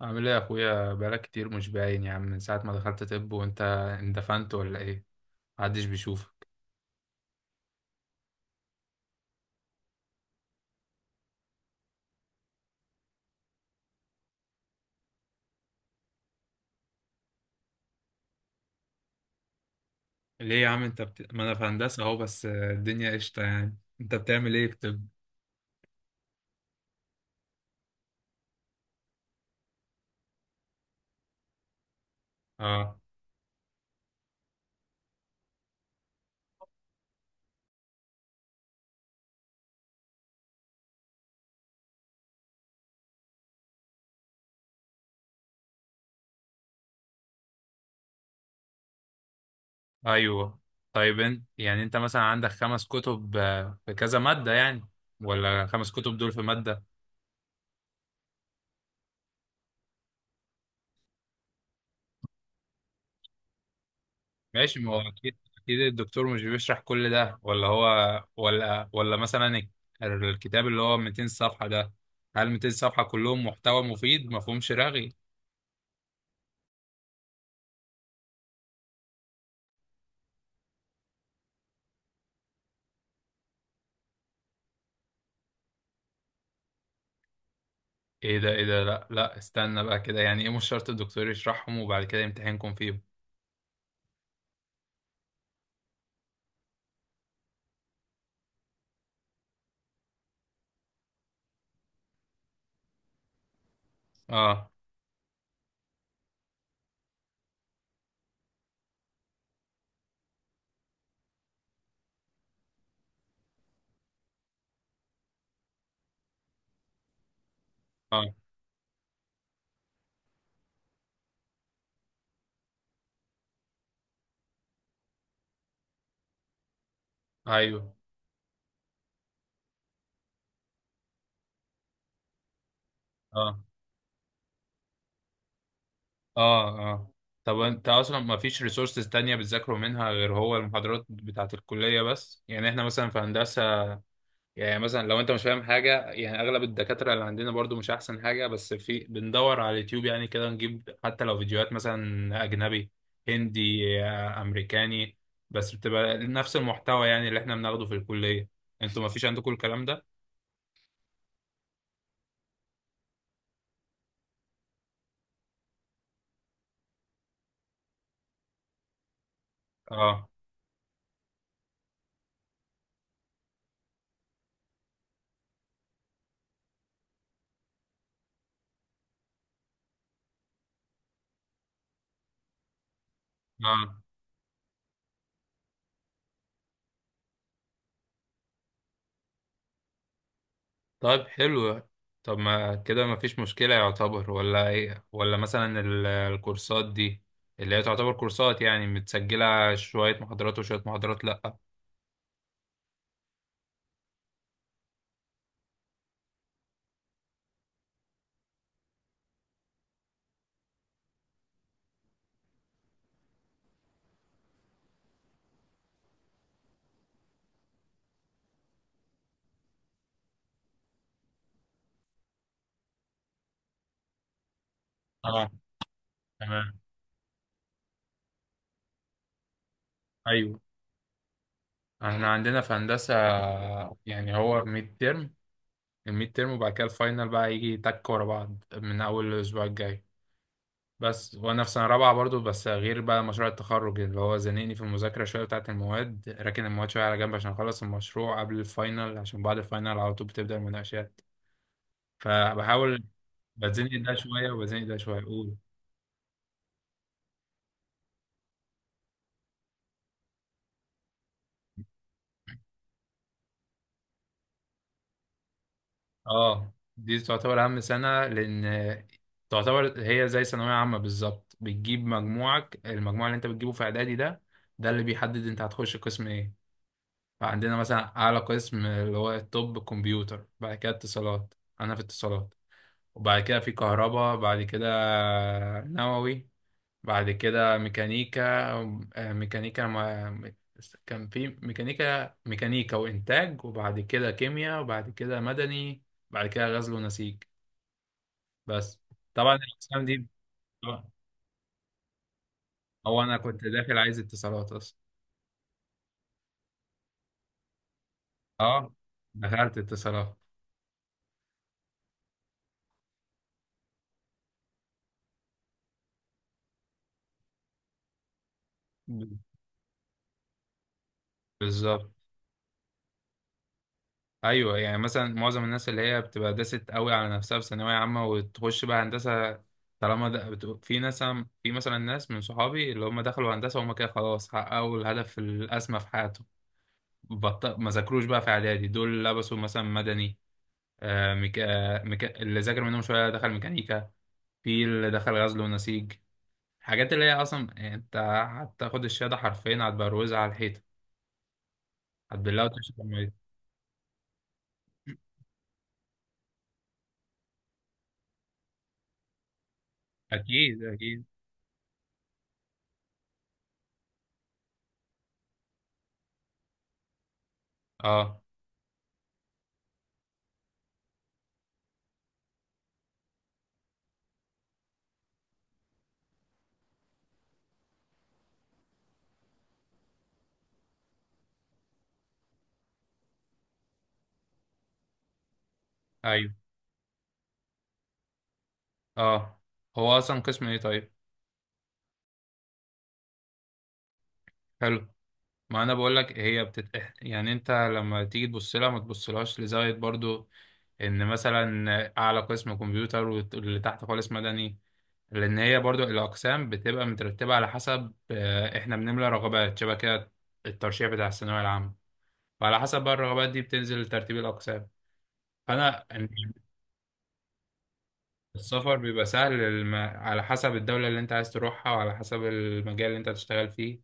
عامل ايه يا اخويا؟ بقالك كتير مش باين يا عم، من ساعة ما دخلت طب. وانت اندفنت ولا ايه؟ محدش بيشوفك. ليه يا عم؟ ما انا في هندسة اهو، بس الدنيا قشطة، يعني انت بتعمل ايه في طب؟ اه. ايوه. طيب، انت يعني انت مثلا عندك خمس كتب في كذا مادة يعني، ولا خمس كتب دول في مادة؟ ماشي، ما هو اكيد اكيد الدكتور مش بيشرح كل ده ولا هو؟ ولا مثلا الكتاب اللي هو 200 صفحة ده، هل 200 صفحة كلهم محتوى مفيد ما فيهمش رغي؟ ايه ده؟ ايه ده؟ لا، لا، استنى بقى كده، يعني ايه مش شرط الدكتور يشرحهم وبعد كده يمتحنكم فيهم؟ اه. اه. ايوه. اه. اه. اه. طب انت اصلا ما فيش ريسورسز تانية بتذاكروا منها غير هو المحاضرات بتاعت الكلية بس؟ يعني احنا مثلا في هندسة، يعني مثلا لو انت مش فاهم حاجه، يعني اغلب الدكاتره اللي عندنا برضو مش احسن حاجه، بس في بندور على اليوتيوب، يعني كده نجيب حتى لو فيديوهات مثلا اجنبي، هندي، امريكاني. بس بتبقى نفس المحتوى يعني، اللي احنا بناخده في الكليه. انتوا ما فيش عندكم الكلام ده؟ اه. اه. طيب، حلو. طب ما كده ما فيش مشكله يعتبر ولا ايه؟ ولا مثلا الكورسات دي اللي هي تعتبر كورسات، يعني متسجله؟ شويه محاضرات وشويه محاضرات لا؟ اه. تمام. ايوه. احنا عندنا في هندسة، يعني هو ميد ترم الميد ترم، وبعد كده الفاينل بقى يجي تك ورا بعض من أول الأسبوع الجاي. بس وأنا في سنة رابعة برضو، بس غير بقى مشروع التخرج اللي هو زنقني في المذاكرة شوية بتاعة المواد، راكن المواد شوية على جنب عشان أخلص المشروع قبل الفاينل، عشان بعد الفاينل على طول بتبدأ المناقشات، فبحاول. بتزنق ده شوية وبزنق ده شوية. قول. اه، دي تعتبر اهم سنه، لان تعتبر هي زي ثانويه عامه بالظبط، بتجيب مجموعك. المجموع اللي انت بتجيبه في اعدادي ده، ده اللي بيحدد انت هتخش قسم ايه. فعندنا مثلا اعلى قسم اللي هو الطب، كمبيوتر، بعد كده اتصالات. انا في اتصالات. وبعد كده في كهرباء، بعد كده نووي، بعد كده ميكانيكا. ميكانيكا، ما كان في ميكانيكا وإنتاج، وبعد كده كيمياء، وبعد كده مدني، بعد كده غزل ونسيج، بس. طبعا الأقسام دي. آه، هو أنا كنت داخل عايز اتصالات أصلا. أه، دخلت اتصالات. بالظبط. ايوه، يعني مثلا معظم الناس اللي هي بتبقى داست قوي على نفسها في ثانويه عامه وتخش بقى هندسه. طالما ده في ناس، في مثلا ناس من صحابي اللي هم دخلوا هندسه وهم كده خلاص حققوا الهدف الاسمى في حياتهم. ما ذاكروش بقى في اعدادي، دول لبسوا مثلا مدني. اللي ذاكر منهم شويه دخل ميكانيكا. في اللي دخل غزل ونسيج. الحاجات اللي هي اصلا، يعني انت هتاخد الشهاده حرفيا، هتبروزها على الحيطه، هتبلها وتشرب ميه. اكيد، اكيد. اه. ايوه. اه. هو اصلا قسم ايه طيب؟ حلو. ما انا بقول لك هي يعني انت لما تيجي تبص لها ما تبصلهاش لزاويه برضو، ان مثلا اعلى قسم كمبيوتر واللي تحت خالص مدني. لان هي برضو الاقسام بتبقى مترتبه على حسب، احنا بنملى رغبات شبه كده، الترشيح بتاع الثانويه العامه. فعلى حسب بقى الرغبات دي بتنزل ترتيب الاقسام. فانا. السفر بيبقى سهل، على حسب الدوله اللي انت عايز تروحها وعلى حسب المجال اللي انت هتشتغل فيه.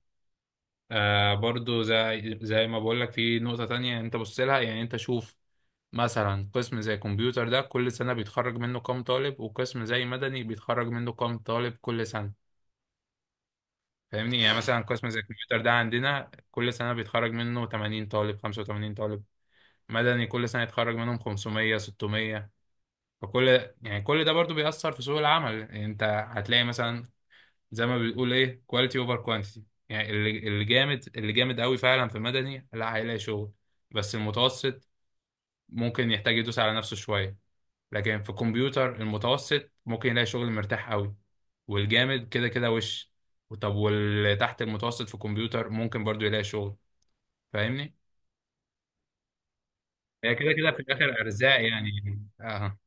برضو زي ما بقول لك، في نقطة تانية انت بص لها. يعني انت شوف، مثلا قسم زي كمبيوتر ده كل سنة بيتخرج منه كام طالب، وقسم زي مدني بيتخرج منه كام طالب كل سنة؟ فاهمني. يعني مثلا قسم زي الكمبيوتر ده عندنا كل سنة بيتخرج منه 80 طالب، 85 طالب. مدني كل سنة يتخرج منهم 500، 600. فكل يعني كل ده برضو بيأثر في سوق العمل، يعني انت هتلاقي مثلا، زي ما بتقول ايه، كواليتي اوفر كوانتيتي. يعني اللي جامد اللي جامد قوي فعلا في مدني، لا هيلاقي شغل. بس المتوسط ممكن يحتاج يدوس على نفسه شويه. لكن في الكمبيوتر المتوسط ممكن يلاقي شغل مرتاح قوي. والجامد كده كده وش. طب واللي تحت المتوسط في الكمبيوتر ممكن برضو يلاقي شغل. فاهمني؟ هي كده كده في الاخر ارزاق يعني. اه،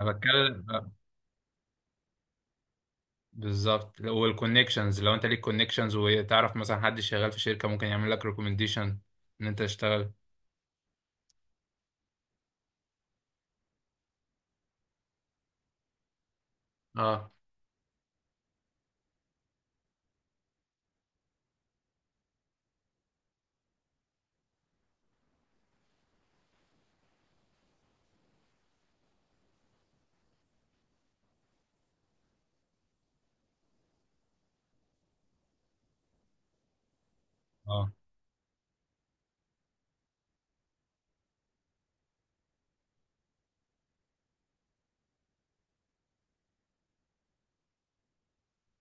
أنا بتكلم. بالظبط. والكونكشنز، لو انت ليك كونكشنز وتعرف مثلا حد شغال في شركه ممكن يعمل لك ريكومنديشن ان انت تشتغل. اه. اه.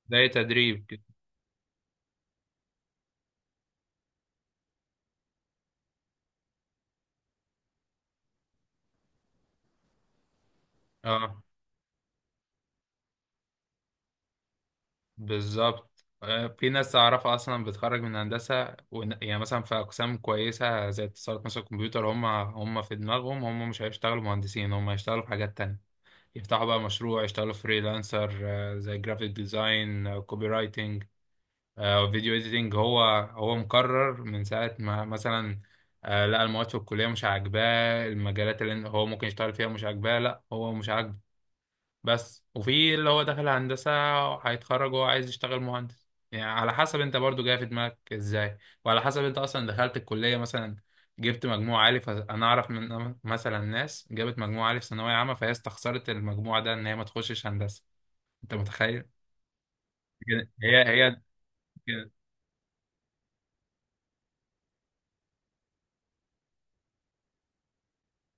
زي تدريب كده. اه. بالظبط. في ناس أعرفها أصلا بتخرج من هندسة يعني مثلا في أقسام كويسة زي اتصالات مثلا، الكمبيوتر، هم في دماغهم هم مش هيشتغلوا مهندسين، هم هيشتغلوا في حاجات تانية. يفتحوا بقى مشروع، يشتغلوا فريلانسر، زي جرافيك ديزاين، كوبي رايتنج، فيديو اديتنج. هو مقرر من ساعة ما مثلا، لا المواد في الكلية مش عاجباه، المجالات اللي هو ممكن يشتغل فيها مش عاجباه، لا هو مش عاجبه بس. وفي اللي هو داخل هندسة هيتخرج وهو عايز يشتغل مهندس. يعني على حسب انت برضو جاي في دماغك ازاي، وعلى حسب انت اصلا دخلت الكلية، مثلا جبت مجموع عالي. فانا اعرف من مثلا ناس جابت مجموع عالي في ثانوية عامة فهي استخسرت المجموع ده ان هي ما تخشش هندسة. انت متخيل؟ هي كده.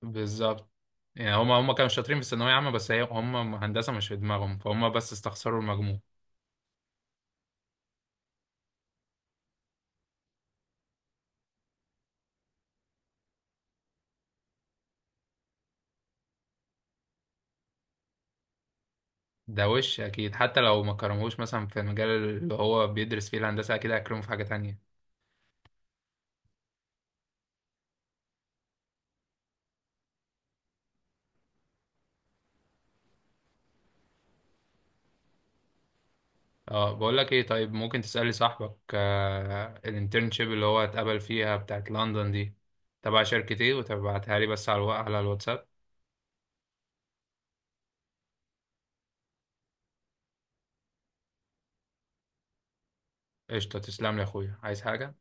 بالظبط. يعني هما كانوا شاطرين في الثانوية عامة، بس هما هندسة مش في دماغهم، فهم بس استخسروا المجموع. ده وش اكيد، حتى لو ما كرموش مثلا في المجال اللي هو بيدرس فيه الهندسه، اكيد هيكرمه في حاجه تانية. اه، بقول لك ايه، طيب ممكن تسالي صاحبك الانترنشيب اللي هو اتقبل فيها بتاعت لندن دي تبع شركه ايه، وتبعتها لي بس على على الواتساب. قشطه، تسلم لي يا اخويا، عايز حاجه؟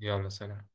يلا، سلام.